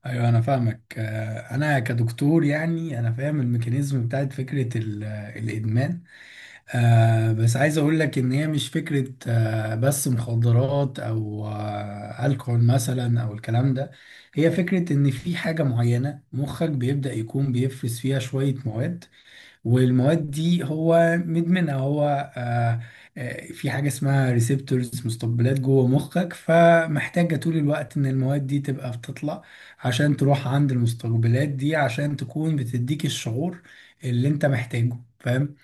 ايوه، انا فاهمك. انا كدكتور، يعني انا فاهم الميكانيزم بتاعت فكره الادمان. بس عايز اقول لك ان هي مش فكره بس مخدرات، او الكحول مثلا، او الكلام ده. هي فكره ان في حاجه معينه مخك بيبدا يكون بيفرز فيها شويه مواد، والمواد دي هو مدمنها. هو آه، آه، في حاجة اسمها ريسبتورز، مستقبلات جوه مخك، فمحتاجة طول الوقت ان المواد دي تبقى بتطلع عشان تروح عند المستقبلات دي، عشان تكون بتديك الشعور اللي انت محتاجه، فاهم؟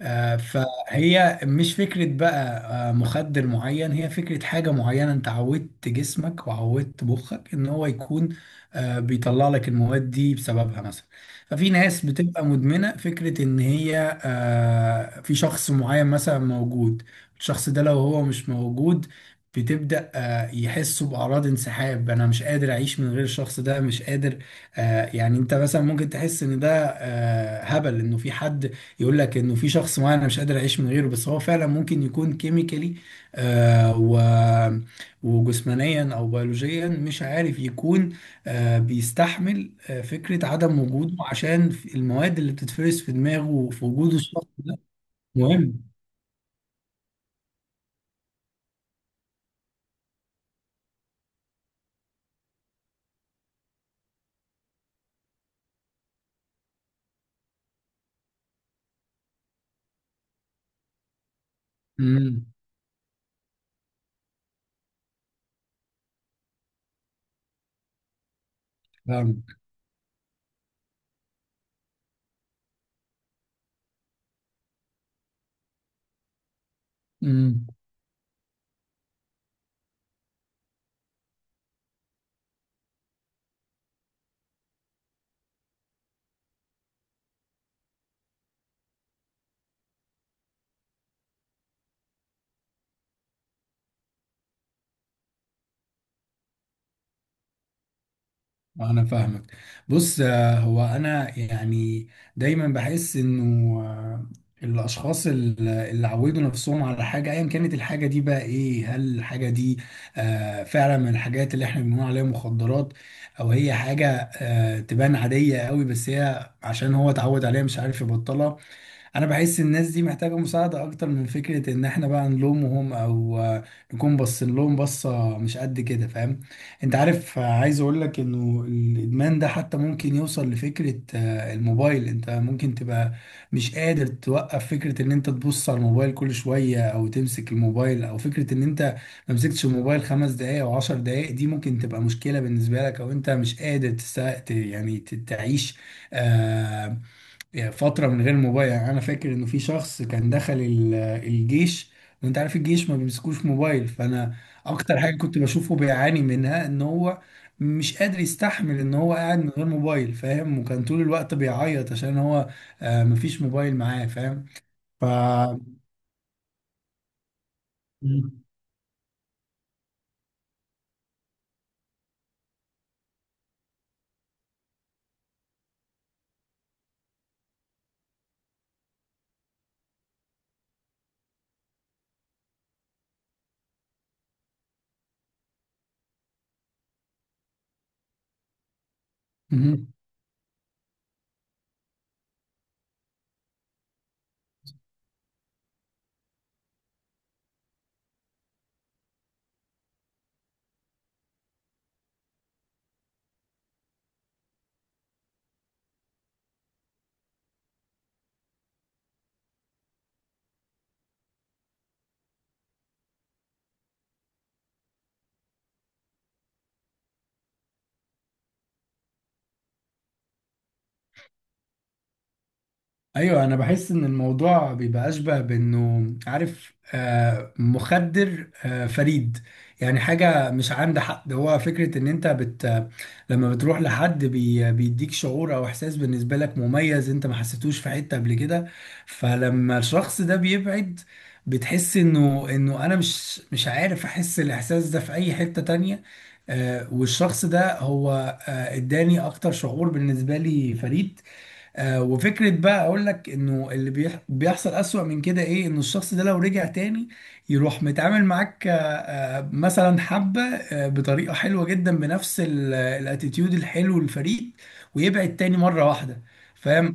فهي مش فكرة بقى مخدر معين، هي فكرة حاجة معينة انت عودت جسمك وعودت مخك ان هو يكون بيطلع لك المواد دي بسببها مثلا. ففي ناس بتبقى مدمنة فكرة ان هي في شخص معين مثلا موجود، الشخص ده لو هو مش موجود بتبدأ يحسوا بأعراض انسحاب، أنا مش قادر أعيش من غير الشخص ده، مش قادر. يعني أنت مثلا ممكن تحس إن ده هبل، إنه في حد يقول لك انه في شخص معين انا مش قادر اعيش من غيره، بس هو فعلا ممكن يكون كيميكالي آه و وجسمانيا او بيولوجيا، مش عارف، يكون بيستحمل فكرة عدم وجوده عشان المواد اللي بتتفرز في دماغه وفي وجوده الشخص ده مهم. امم. فاهم. انا فاهمك. بص، هو انا يعني دايما بحس انه آه، الاشخاص اللي عودوا نفسهم على حاجه، ايا كانت الحاجه دي بقى ايه، هل الحاجه دي فعلا من الحاجات اللي احنا بنقول عليها مخدرات، او هي حاجه تبان عاديه قوي بس هي عشان هو اتعود عليها مش عارف يبطلها. انا بحس الناس دي محتاجة مساعدة اكتر من فكرة ان احنا بقى نلومهم او نكون باصين لهم بصة مش قد كده، فاهم؟ انت عارف، عايز اقول لك انه الادمان ده حتى ممكن يوصل لفكرة الموبايل. انت ممكن تبقى مش قادر توقف فكرة ان انت تبص على الموبايل كل شوية، او تمسك الموبايل، او فكرة ان انت ما مسكتش الموبايل 5 دقايق او 10 دقايق دي ممكن تبقى مشكلة بالنسبة لك، او انت مش قادر يعني تعيش آه، يعني فترة من غير موبايل. يعني أنا فاكر إنه في شخص كان دخل الجيش، وأنت عارف الجيش ما بيمسكوش موبايل، فأنا أكتر حاجة كنت بشوفه بيعاني منها إن هو مش قادر يستحمل إن هو قاعد من غير موبايل، فاهم؟ وكان طول الوقت بيعيط عشان هو مفيش موبايل معاه، فاهم؟ ف ايوه، انا بحس ان الموضوع بيبقى اشبه بانه، عارف، مخدر فريد، يعني حاجه مش عند حد. هو فكره ان انت لما بتروح لحد بيديك شعور او احساس بالنسبه لك مميز، انت ما حسيتوش في حته قبل كده. فلما الشخص ده بيبعد بتحس انه انا مش عارف احس الاحساس ده في اي حته تانية. والشخص ده هو اداني اكتر شعور بالنسبه لي فريد. وفكرة بقى اقول لك انه اللي بيحصل اسوأ من كده ايه، انه الشخص ده لو رجع تاني يروح متعامل معاك مثلا حبة بطريقة حلوة جدا، بنفس الاتيتيود الحلو للفريق، ويبعد تاني مرة واحدة. فاهم؟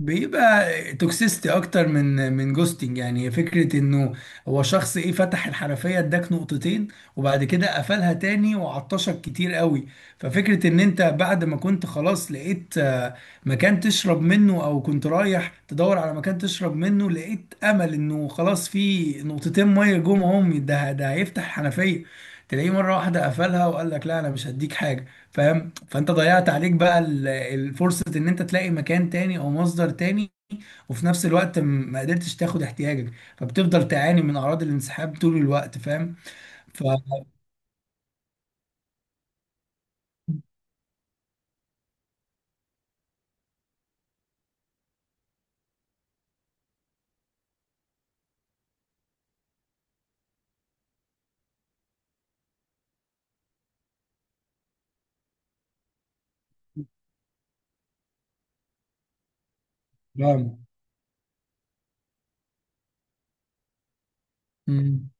بيبقى توكسيستي اكتر من جوستنج، يعني فكره انه هو شخص ايه، فتح الحنفيه اداك نقطتين وبعد كده قفلها تاني وعطشك كتير قوي. ففكره ان انت بعد ما كنت خلاص لقيت مكان تشرب منه، او كنت رايح تدور على مكان تشرب منه، لقيت امل انه خلاص في نقطتين ميه جم، اهم ده هيفتح الحنفيه، تلاقيه مره واحده قفلها وقال لك لا انا مش هديك حاجه. فاهم؟ فانت ضيعت عليك بقى الفرصة ان انت تلاقي مكان تاني او مصدر تاني، وفي نفس الوقت ما قدرتش تاخد احتياجك، فبتفضل تعاني من اعراض الانسحاب طول الوقت، فاهم؟ ف فاهم. مم.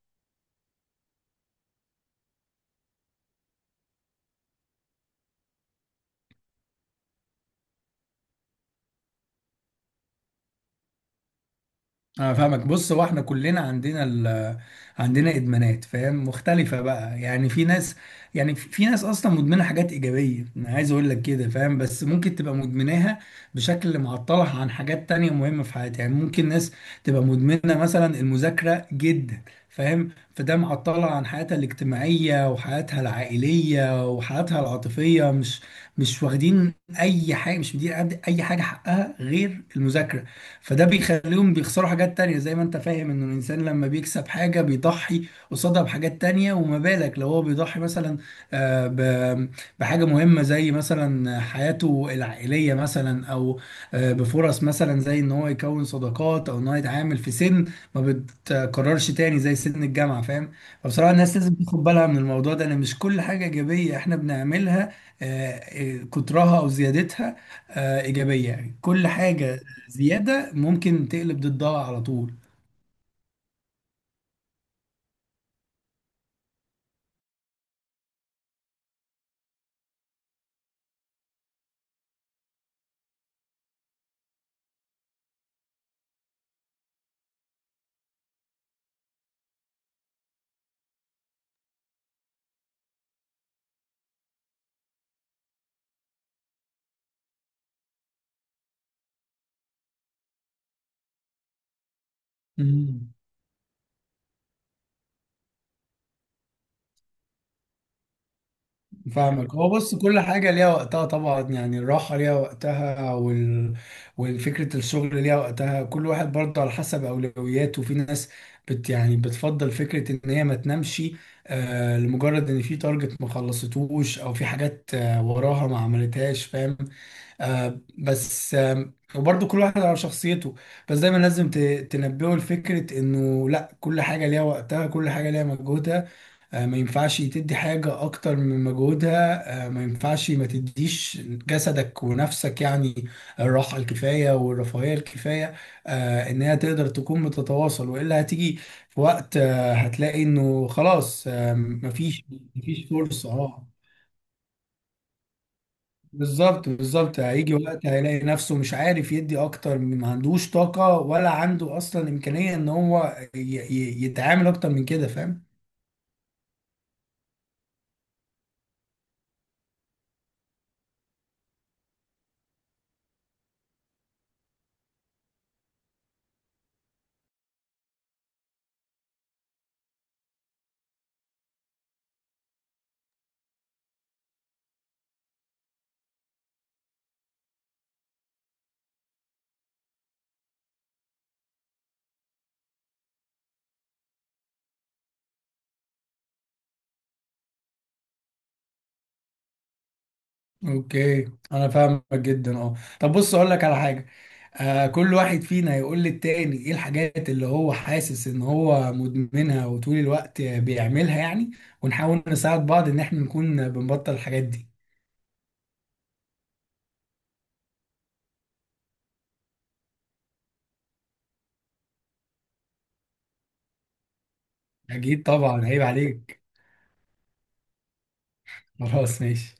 انا فاهمك. بص، هو احنا كلنا عندنا عندنا ادمانات، فاهم، مختلفه بقى. يعني في ناس، يعني في ناس اصلا مدمنه حاجات ايجابيه، انا عايز اقول لك كده، فاهم، بس ممكن تبقى مدمناها بشكل معطلها عن حاجات تانية مهمه في حياتها. يعني ممكن ناس تبقى مدمنه مثلا المذاكره جدا، فاهم، فده معطلها عن حياتها الاجتماعيه وحياتها العائليه وحياتها العاطفيه، مش واخدين اي حاجه، مش مدين اي حاجه حقها غير المذاكره. فده بيخليهم بيخسروا حاجات تانية. زي ما انت فاهم انه الانسان لما بيكسب حاجة بيضحي قصادها بحاجات تانية، وما بالك لو هو بيضحي مثلا آه، ب- بحاجة مهمة زي مثلا حياته العائلية مثلا، او بفرص مثلا زي ان هو يكون صداقات، او ان هو يتعامل في سن ما بتكررش تاني زي سن الجامعة، فاهم؟ فبصراحة الناس لازم تاخد بالها من الموضوع ده، ان مش كل حاجة ايجابية احنا بنعملها كترها او زيادتها ايجابية. يعني كل حاجة زياده ممكن تقلب ضدها على طول. امم فاهمك. هو بص، كل حاجة ليها وقتها طبعا. يعني الراحة ليها وقتها والفكرة، الشغل ليها وقتها، كل واحد برضه على حسب أولوياته. في ناس يعني بتفضل فكرة إن هي ما تنامش لمجرد إن في تارجت ما خلصتوش، أو في حاجات وراها ما عملتهاش، فاهم؟ آه بس آه وبرضه كل واحد على شخصيته، بس دايما لازم تنبهه لفكرة انه لا، كل حاجة ليها وقتها، كل حاجة ليها مجهودها، ما ينفعش تدي حاجة اكتر من مجهودها، ما ينفعش ما تديش جسدك ونفسك يعني الراحة الكفاية والرفاهية الكفاية. ان هي تقدر تكون بتتواصل، والا هتيجي في وقت هتلاقي انه خلاص، مفيش فرصة. اه، بالظبط، بالظبط. هيجي وقت هيلاقي نفسه مش عارف يدي اكتر، ما عندوش طاقة ولا عنده اصلا امكانية ان هو يتعامل اكتر من كده، فاهم؟ اوكي، انا فاهمك جدا. اه، طب بص اقول لك على حاجة، كل واحد فينا هيقول للتاني ايه الحاجات اللي هو حاسس ان هو مدمنها وطول الوقت بيعملها، يعني ونحاول نساعد بعض ان احنا نكون بنبطل الحاجات دي. اكيد طبعا، عيب عليك. خلاص ماشي.